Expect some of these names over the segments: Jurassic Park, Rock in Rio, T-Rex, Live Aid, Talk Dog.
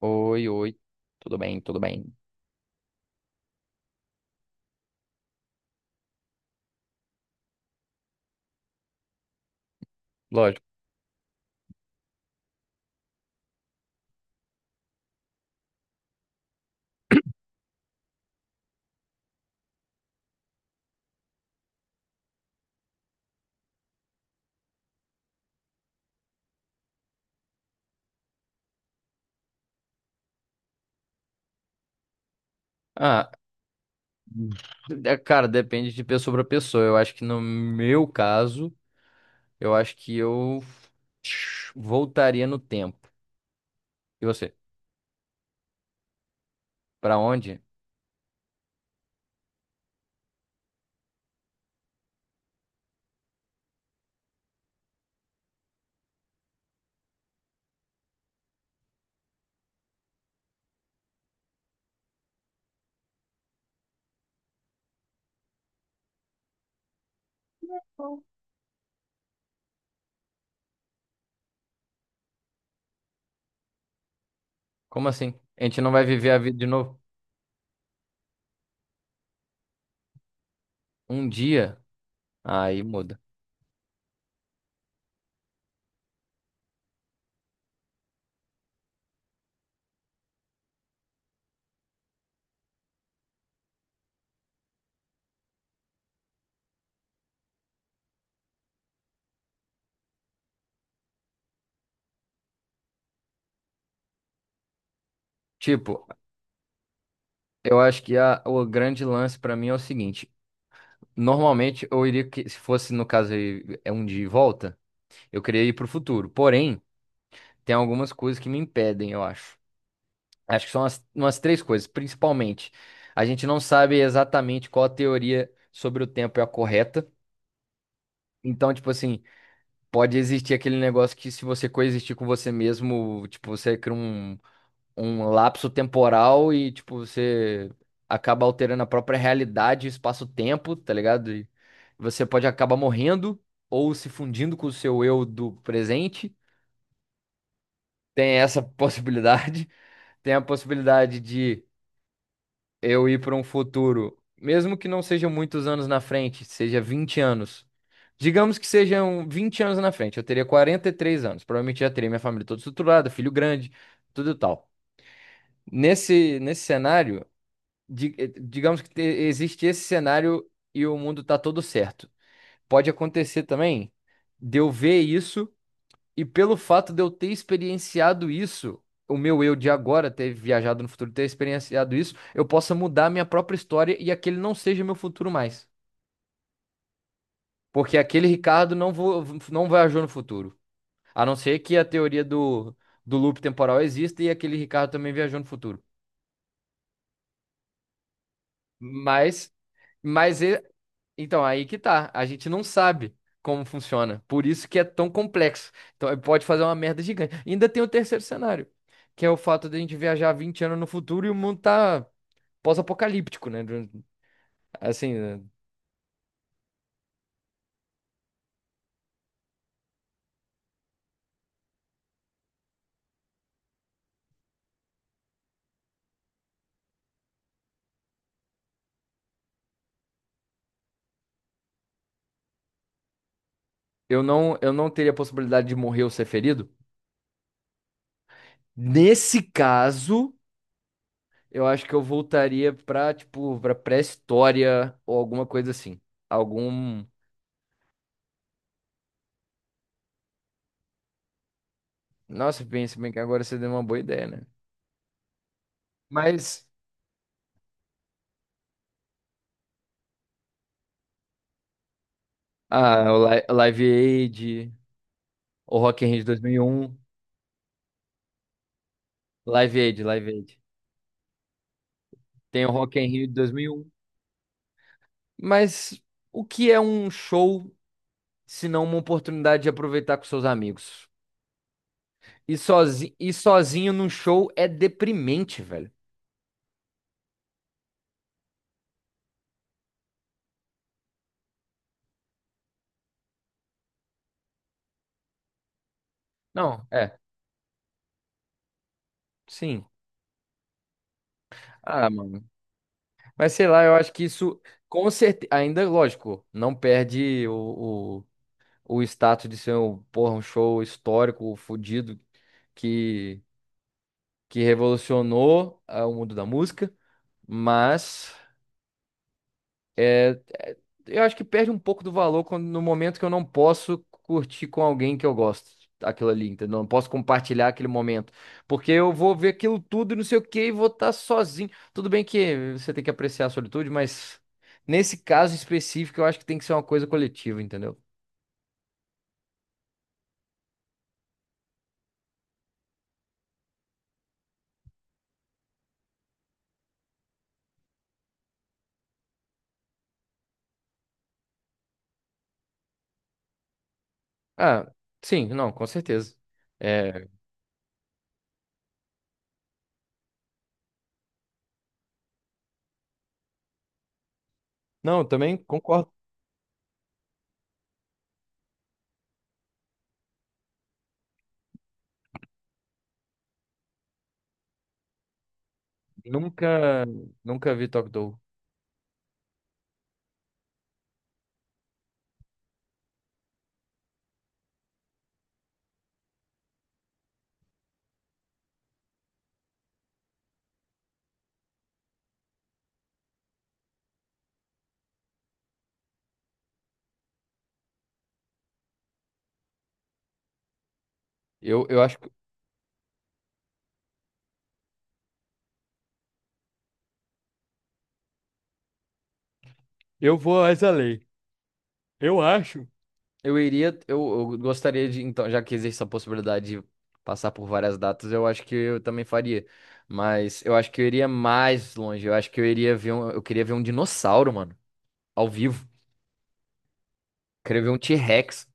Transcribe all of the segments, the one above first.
Oi, oi. Tudo bem, tudo bem. Lógico. Ah, é, cara, depende de pessoa para pessoa. Eu acho que no meu caso, eu acho que eu voltaria no tempo. E você? Pra onde? Como assim? A gente não vai viver a vida de novo? Um dia? Aí muda. Tipo, eu acho que o grande lance pra mim é o seguinte. Normalmente eu iria que, se fosse no caso aí, é um dia e volta, eu queria ir pro futuro. Porém, tem algumas coisas que me impedem, eu acho. Acho que são umas três coisas, principalmente. A gente não sabe exatamente qual a teoria sobre o tempo é a correta. Então, tipo assim, pode existir aquele negócio que se você coexistir com você mesmo, tipo, você cria um lapso temporal e, tipo, você acaba alterando a própria realidade, espaço-tempo, tá ligado? E você pode acabar morrendo ou se fundindo com o seu eu do presente. Tem essa possibilidade. Tem a possibilidade de eu ir para um futuro, mesmo que não seja muitos anos na frente, seja 20 anos. Digamos que sejam 20 anos na frente, eu teria 43 anos. Provavelmente já teria minha família toda estruturada, filho grande, tudo e tal. Nesse cenário, digamos que existe esse cenário e o mundo tá todo certo. Pode acontecer também de eu ver isso. E pelo fato de eu ter experienciado isso, o meu eu de agora ter viajado no futuro, ter experienciado isso, eu possa mudar a minha própria história e aquele não seja meu futuro mais. Porque aquele Ricardo não viajou no futuro. A não ser que a teoria do loop temporal exista e aquele Ricardo também viajou no futuro. Mas, mas e- Então, aí que tá. A gente não sabe como funciona. Por isso que é tão complexo. Então, pode fazer uma merda gigante. Ainda tem o terceiro cenário, que é o fato de a gente viajar 20 anos no futuro e o mundo tá pós-apocalíptico, né? Assim, né? Eu não teria a possibilidade de morrer ou ser ferido. Nesse caso, eu acho que eu voltaria pra, tipo, pra pré-história ou alguma coisa assim. Algum. Nossa, pensa bem que agora você deu uma boa ideia, né? Mas. Ah, o Live Aid. O Rock in Rio de 2001, Live Aid, Live Aid. Tem o Rock in Rio de 2001. Mas o que é um show se não uma oportunidade de aproveitar com seus amigos? E sozinho num show é deprimente, velho. Não, é, sim. Ah, mano. Mas sei lá, eu acho que isso, com certeza, ainda, lógico, não perde o status de ser um, porra, um show histórico, fudido, que, que revolucionou o mundo da música, mas. É, eu acho que perde um pouco do valor quando, no momento que eu não posso curtir com alguém que eu gosto aquilo ali, entendeu? Não posso compartilhar aquele momento. Porque eu vou ver aquilo tudo e não sei o que e vou estar sozinho. Tudo bem que você tem que apreciar a solitude, mas nesse caso específico eu acho que tem que ser uma coisa coletiva, entendeu? Ah, sim, não, com certeza. É, não, eu também concordo. Nunca, nunca vi Talk Dog. Eu acho que eu vou às além. Eu acho. Eu iria, eu gostaria de, então, já que existe essa possibilidade de passar por várias datas, eu acho que eu também faria. Mas eu acho que eu iria mais longe. Eu acho que eu iria eu queria ver um dinossauro, mano, ao vivo. Queria ver um T-Rex.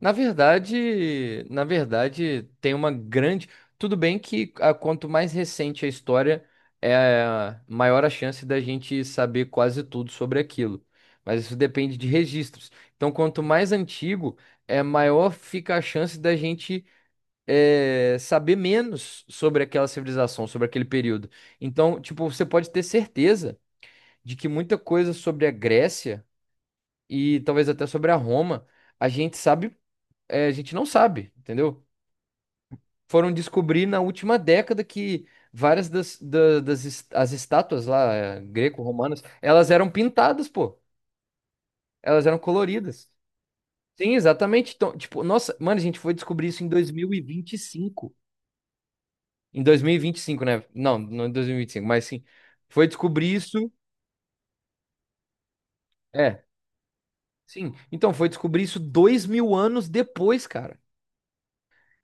Na verdade, tem uma grande. Tudo bem que quanto mais recente a história, é maior a chance da gente saber quase tudo sobre aquilo. Mas isso depende de registros. Então, quanto mais antigo, é maior fica a chance da gente saber menos sobre aquela civilização, sobre aquele período. Então, tipo, você pode ter certeza de que muita coisa sobre a Grécia e talvez até sobre a Roma, a gente sabe a gente não sabe, entendeu? Foram descobrir na última década que várias das, da- das, es- as estátuas lá, greco-romanas, elas eram pintadas, pô. Elas eram coloridas. Sim, exatamente. Então, tipo, nossa, mano, a gente foi descobrir isso em 2025. Em 2025, né? Não, não em 2025, mas sim. Foi descobrir isso. É, sim. Então, foi descobrir isso 2000 anos depois, cara.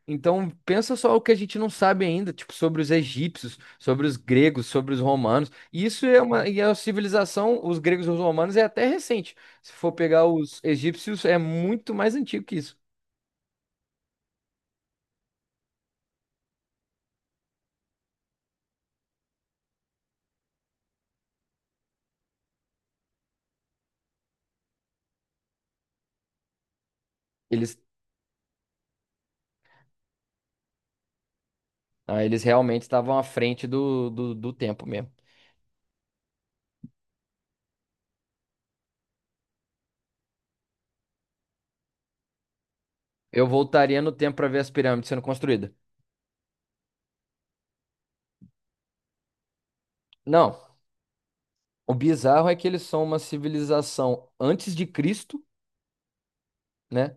Então, pensa só o que a gente não sabe ainda, tipo, sobre os egípcios, sobre os gregos, sobre os romanos. E isso é uma, e a civilização, os gregos e os romanos, é até recente. Se for pegar os egípcios, é muito mais antigo que isso. Eles, eles realmente estavam à frente do tempo mesmo. Eu voltaria no tempo para ver as pirâmides sendo construídas. Não, o bizarro é que eles são uma civilização antes de Cristo, né?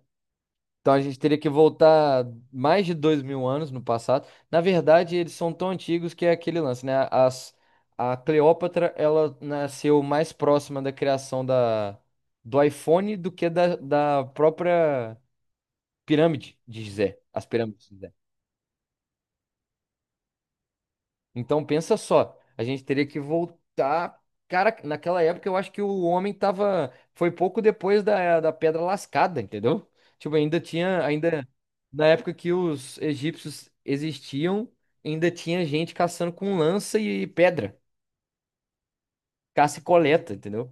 Então a gente teria que voltar mais de 2000 anos no passado. Na verdade, eles são tão antigos que é aquele lance, né? A Cleópatra, ela nasceu mais próxima da criação do iPhone do que da própria pirâmide de Gizé, as pirâmides de Gizé. Então pensa só, a gente teria que voltar. Cara, naquela época eu acho que o homem tava. Foi pouco depois da Pedra Lascada, entendeu? Tipo, ainda tinha. Ainda. Na época que os egípcios existiam, ainda tinha gente caçando com lança e pedra. Caça e coleta, entendeu?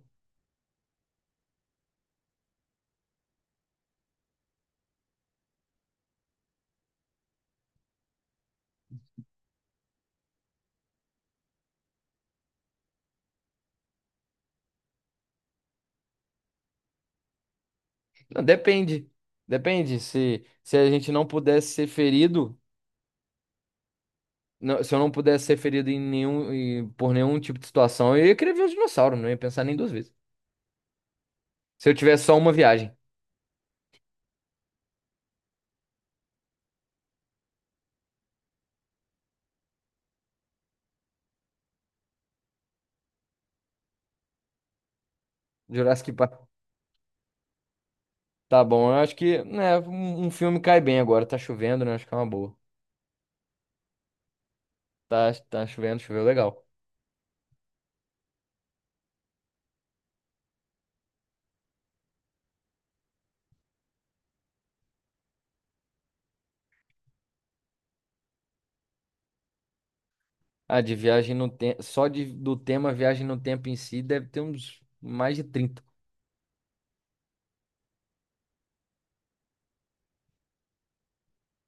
Não, depende. Depende. Se a gente não pudesse ser ferido. Se eu não pudesse ser ferido por nenhum tipo de situação, eu ia querer ver os dinossauros, não ia pensar nem duas vezes. Se eu tivesse só uma viagem. Jurassic Park. Tá bom, eu acho que, né, um filme cai bem agora. Tá chovendo, né? Acho que é uma boa. Tá chovendo, choveu legal. Ah, de viagem no tempo. Só do tema viagem no tempo em si, deve ter uns mais de 30.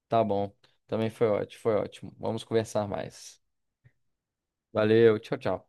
Tá bom. Também foi ótimo, foi ótimo. Vamos conversar mais. Valeu, tchau, tchau.